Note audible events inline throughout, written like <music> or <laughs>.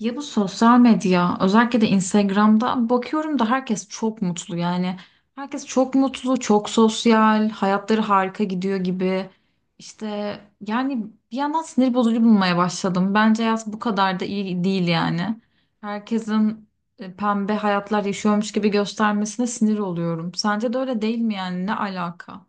Ya bu sosyal medya özellikle de Instagram'da bakıyorum da herkes çok mutlu yani. Herkes çok mutlu, çok sosyal, hayatları harika gidiyor gibi. İşte yani bir yandan sinir bozucu bulmaya başladım. Bence yaz bu kadar da iyi değil yani. Herkesin pembe hayatlar yaşıyormuş gibi göstermesine sinir oluyorum. Sence de öyle değil mi yani? Ne alaka?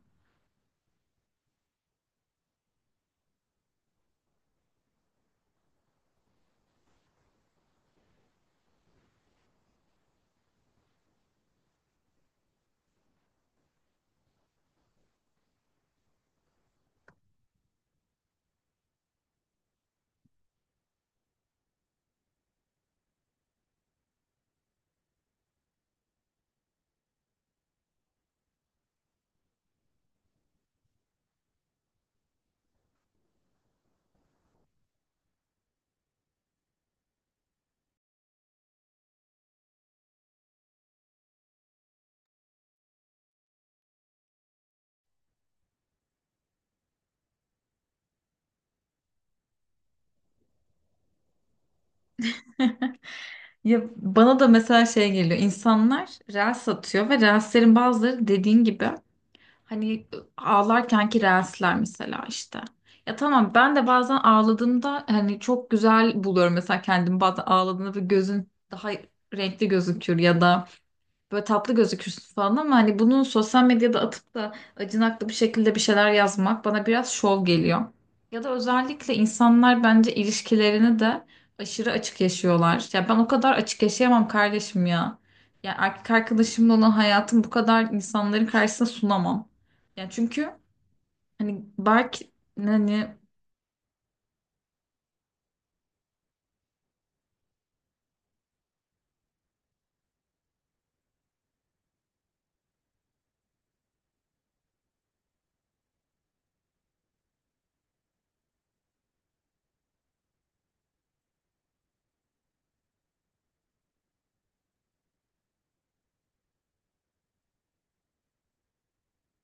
Ya bana da mesela şey geliyor. İnsanlar reels satıyor ve reelslerin bazıları dediğin gibi. Hani ağlarkenki ki reelsler mesela işte. Ya tamam ben de bazen ağladığımda hani çok güzel buluyorum mesela kendimi bazen ağladığımda ve gözün daha renkli gözüküyor ya da böyle tatlı gözükürsün falan ama hani bunu sosyal medyada atıp da acınaklı bir şekilde bir şeyler yazmak bana biraz şov geliyor. Ya da özellikle insanlar bence ilişkilerini de aşırı açık yaşıyorlar. Ya ben o kadar açık yaşayamam kardeşim ya. Ya erkek arkadaşımla olan hayatım bu kadar insanların karşısına sunamam. Ya çünkü hani belki hani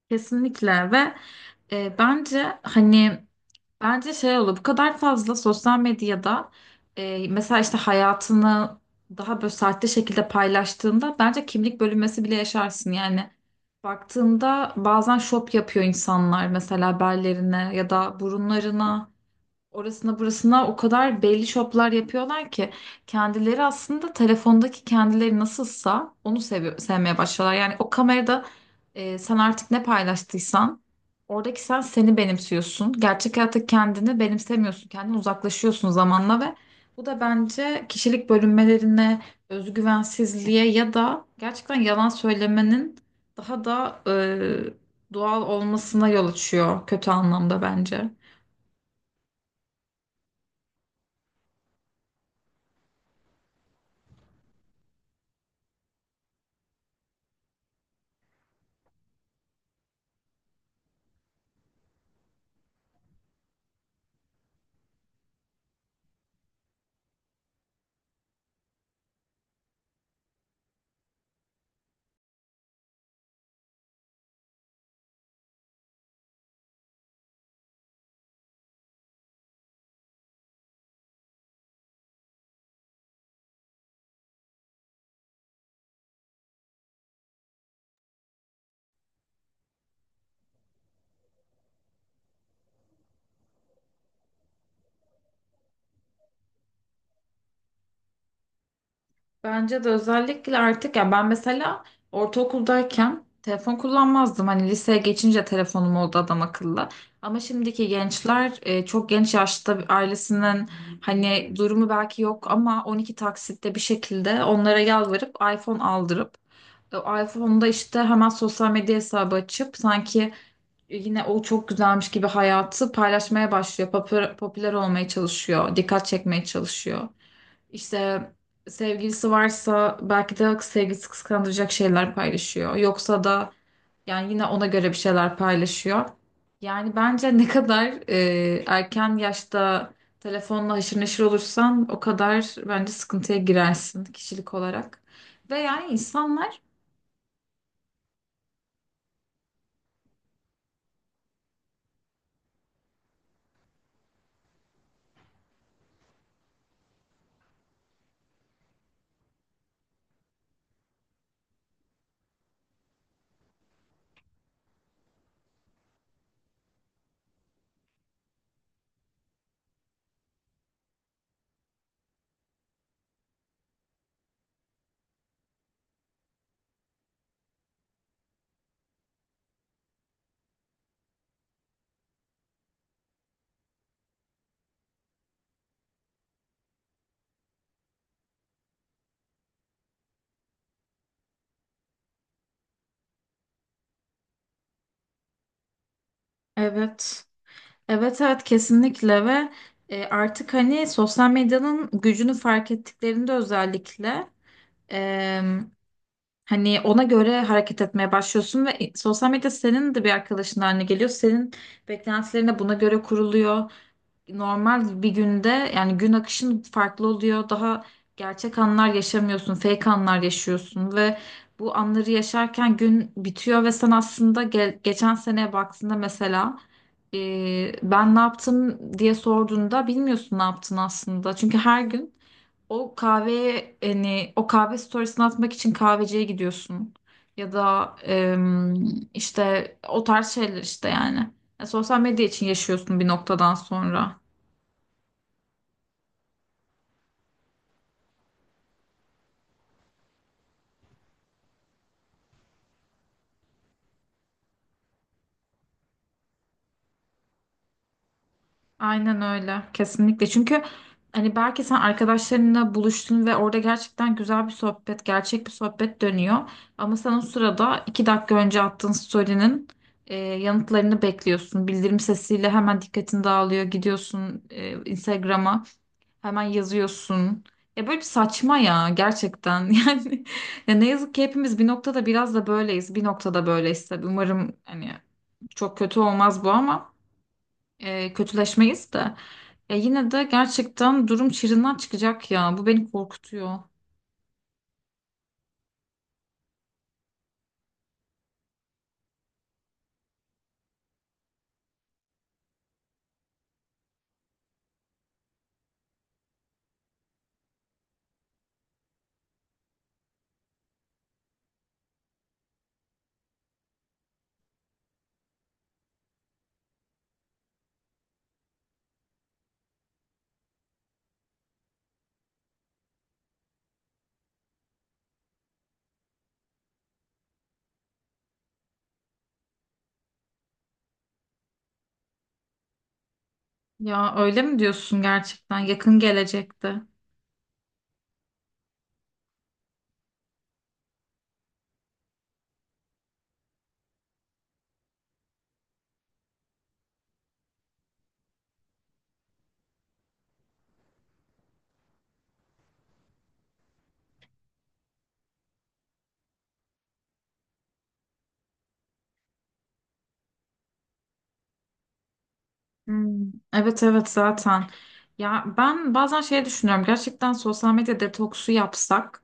kesinlikle ve bence hani bence şey olur bu kadar fazla sosyal medyada, mesela işte hayatını daha böyle sahte şekilde paylaştığında bence kimlik bölünmesi bile yaşarsın yani. Baktığında bazen şop yapıyor insanlar mesela bellerine ya da burunlarına, orasına burasına o kadar belli şoplar yapıyorlar ki kendileri aslında telefondaki kendileri nasılsa onu seviyor, sevmeye başlıyorlar. Yani o kamerada sen artık ne paylaştıysan oradaki sen seni benimsiyorsun. Gerçek hayatta kendini benimsemiyorsun. Kendini uzaklaşıyorsun zamanla ve bu da bence kişilik bölünmelerine, özgüvensizliğe ya da gerçekten yalan söylemenin daha da doğal olmasına yol açıyor kötü anlamda bence. Bence de özellikle artık ya ben mesela ortaokuldayken telefon kullanmazdım. Hani liseye geçince telefonum oldu adam akıllı. Ama şimdiki gençler çok genç yaşta bir ailesinin hani durumu belki yok ama 12 taksitte bir şekilde onlara yalvarıp iPhone aldırıp o iPhone'da işte hemen sosyal medya hesabı açıp sanki yine o çok güzelmiş gibi hayatı paylaşmaya başlıyor. Popüler, popüler olmaya çalışıyor, dikkat çekmeye çalışıyor. İşte sevgilisi varsa belki de sevgilisi kıskandıracak şeyler paylaşıyor. Yoksa da yani yine ona göre bir şeyler paylaşıyor. Yani bence ne kadar erken yaşta telefonla haşır neşir olursan o kadar bence sıkıntıya girersin kişilik olarak. Ve yani insanlar evet evet evet kesinlikle ve artık hani sosyal medyanın gücünü fark ettiklerinde özellikle hani ona göre hareket etmeye başlıyorsun ve sosyal medya senin de bir arkadaşın haline geliyor. Senin beklentilerine buna göre kuruluyor. Normal bir günde yani gün akışın farklı oluyor. Daha gerçek anlar yaşamıyorsun, fake anlar yaşıyorsun ve bu anları yaşarken gün bitiyor ve sen aslında geçen seneye baktığında mesela ben ne yaptım diye sorduğunda bilmiyorsun ne yaptın aslında. Çünkü her gün o kahveye hani o kahve storiesini atmak için kahveciye gidiyorsun. Ya da işte o tarz şeyler işte yani. Ya sosyal medya için yaşıyorsun bir noktadan sonra. Aynen öyle. Kesinlikle. Çünkü hani belki sen arkadaşlarınla buluştun ve orada gerçekten güzel bir sohbet, gerçek bir sohbet dönüyor. Ama sen o sırada iki dakika önce attığın story'nin yanıtlarını bekliyorsun. Bildirim sesiyle hemen dikkatin dağılıyor. Gidiyorsun Instagram'a. Hemen yazıyorsun. Ya böyle bir saçma ya gerçekten. <laughs> Yani ya ne yazık ki hepimiz bir noktada biraz da böyleyiz. Bir noktada böyleyiz tabii. Umarım hani çok kötü olmaz bu ama kötüleşmeyiz de. Ya yine de gerçekten durum çığırından çıkacak ya. Bu beni korkutuyor. Ya öyle mi diyorsun gerçekten? Yakın gelecekte. Hmm. Evet, evet zaten. Ya ben bazen şey düşünüyorum gerçekten sosyal medya detoksu yapsak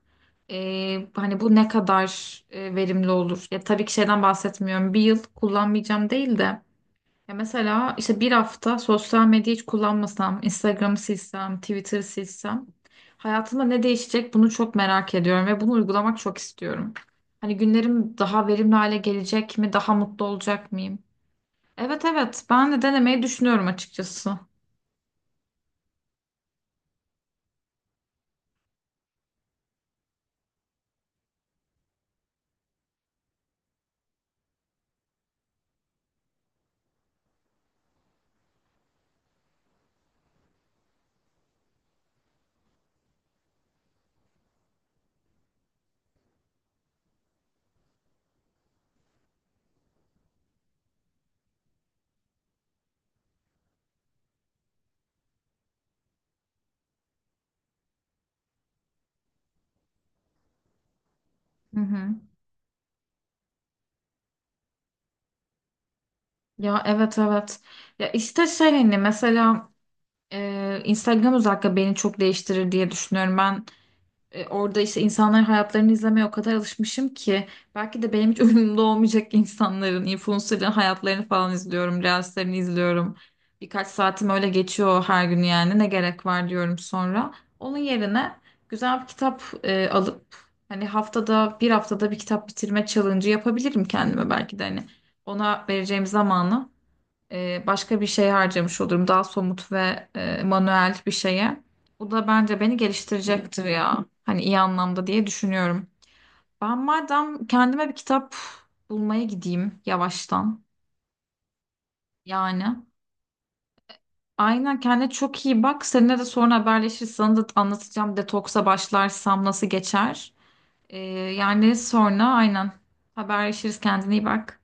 hani bu ne kadar verimli olur? Ya tabii ki şeyden bahsetmiyorum. Bir yıl kullanmayacağım değil de ya mesela işte bir hafta sosyal medya hiç kullanmasam, Instagram'ı silsem, Twitter'ı silsem hayatımda ne değişecek bunu çok merak ediyorum ve bunu uygulamak çok istiyorum. Hani günlerim daha verimli hale gelecek mi? Daha mutlu olacak mıyım? Evet, evet ben de denemeyi düşünüyorum açıkçası. Hı hı. Ya evet, evet. Ya işte şey hani mesela Instagram özellikle beni çok değiştirir diye düşünüyorum. Ben E, orada işte insanların hayatlarını izlemeye o kadar alışmışım ki belki de benim hiç <laughs> umurumda olmayacak insanların, influencerların hayatlarını falan izliyorum, reelslerini izliyorum. Birkaç saatim öyle geçiyor her gün yani ne gerek var diyorum sonra. Onun yerine güzel bir kitap alıp hani haftada bir kitap bitirme challenge'ı yapabilirim kendime belki de hani ona vereceğim zamanı başka bir şey harcamış olurum. Daha somut ve manuel bir şeye. Bu da bence beni geliştirecektir ya. Hani iyi anlamda diye düşünüyorum. Ben madem kendime bir kitap bulmaya gideyim yavaştan. Yani. Aynen kendine çok iyi bak. Seninle de sonra haberleşiriz. Sana da anlatacağım detoksa başlarsam nasıl geçer. E, yani sonra aynen haberleşiriz. Kendine iyi bak.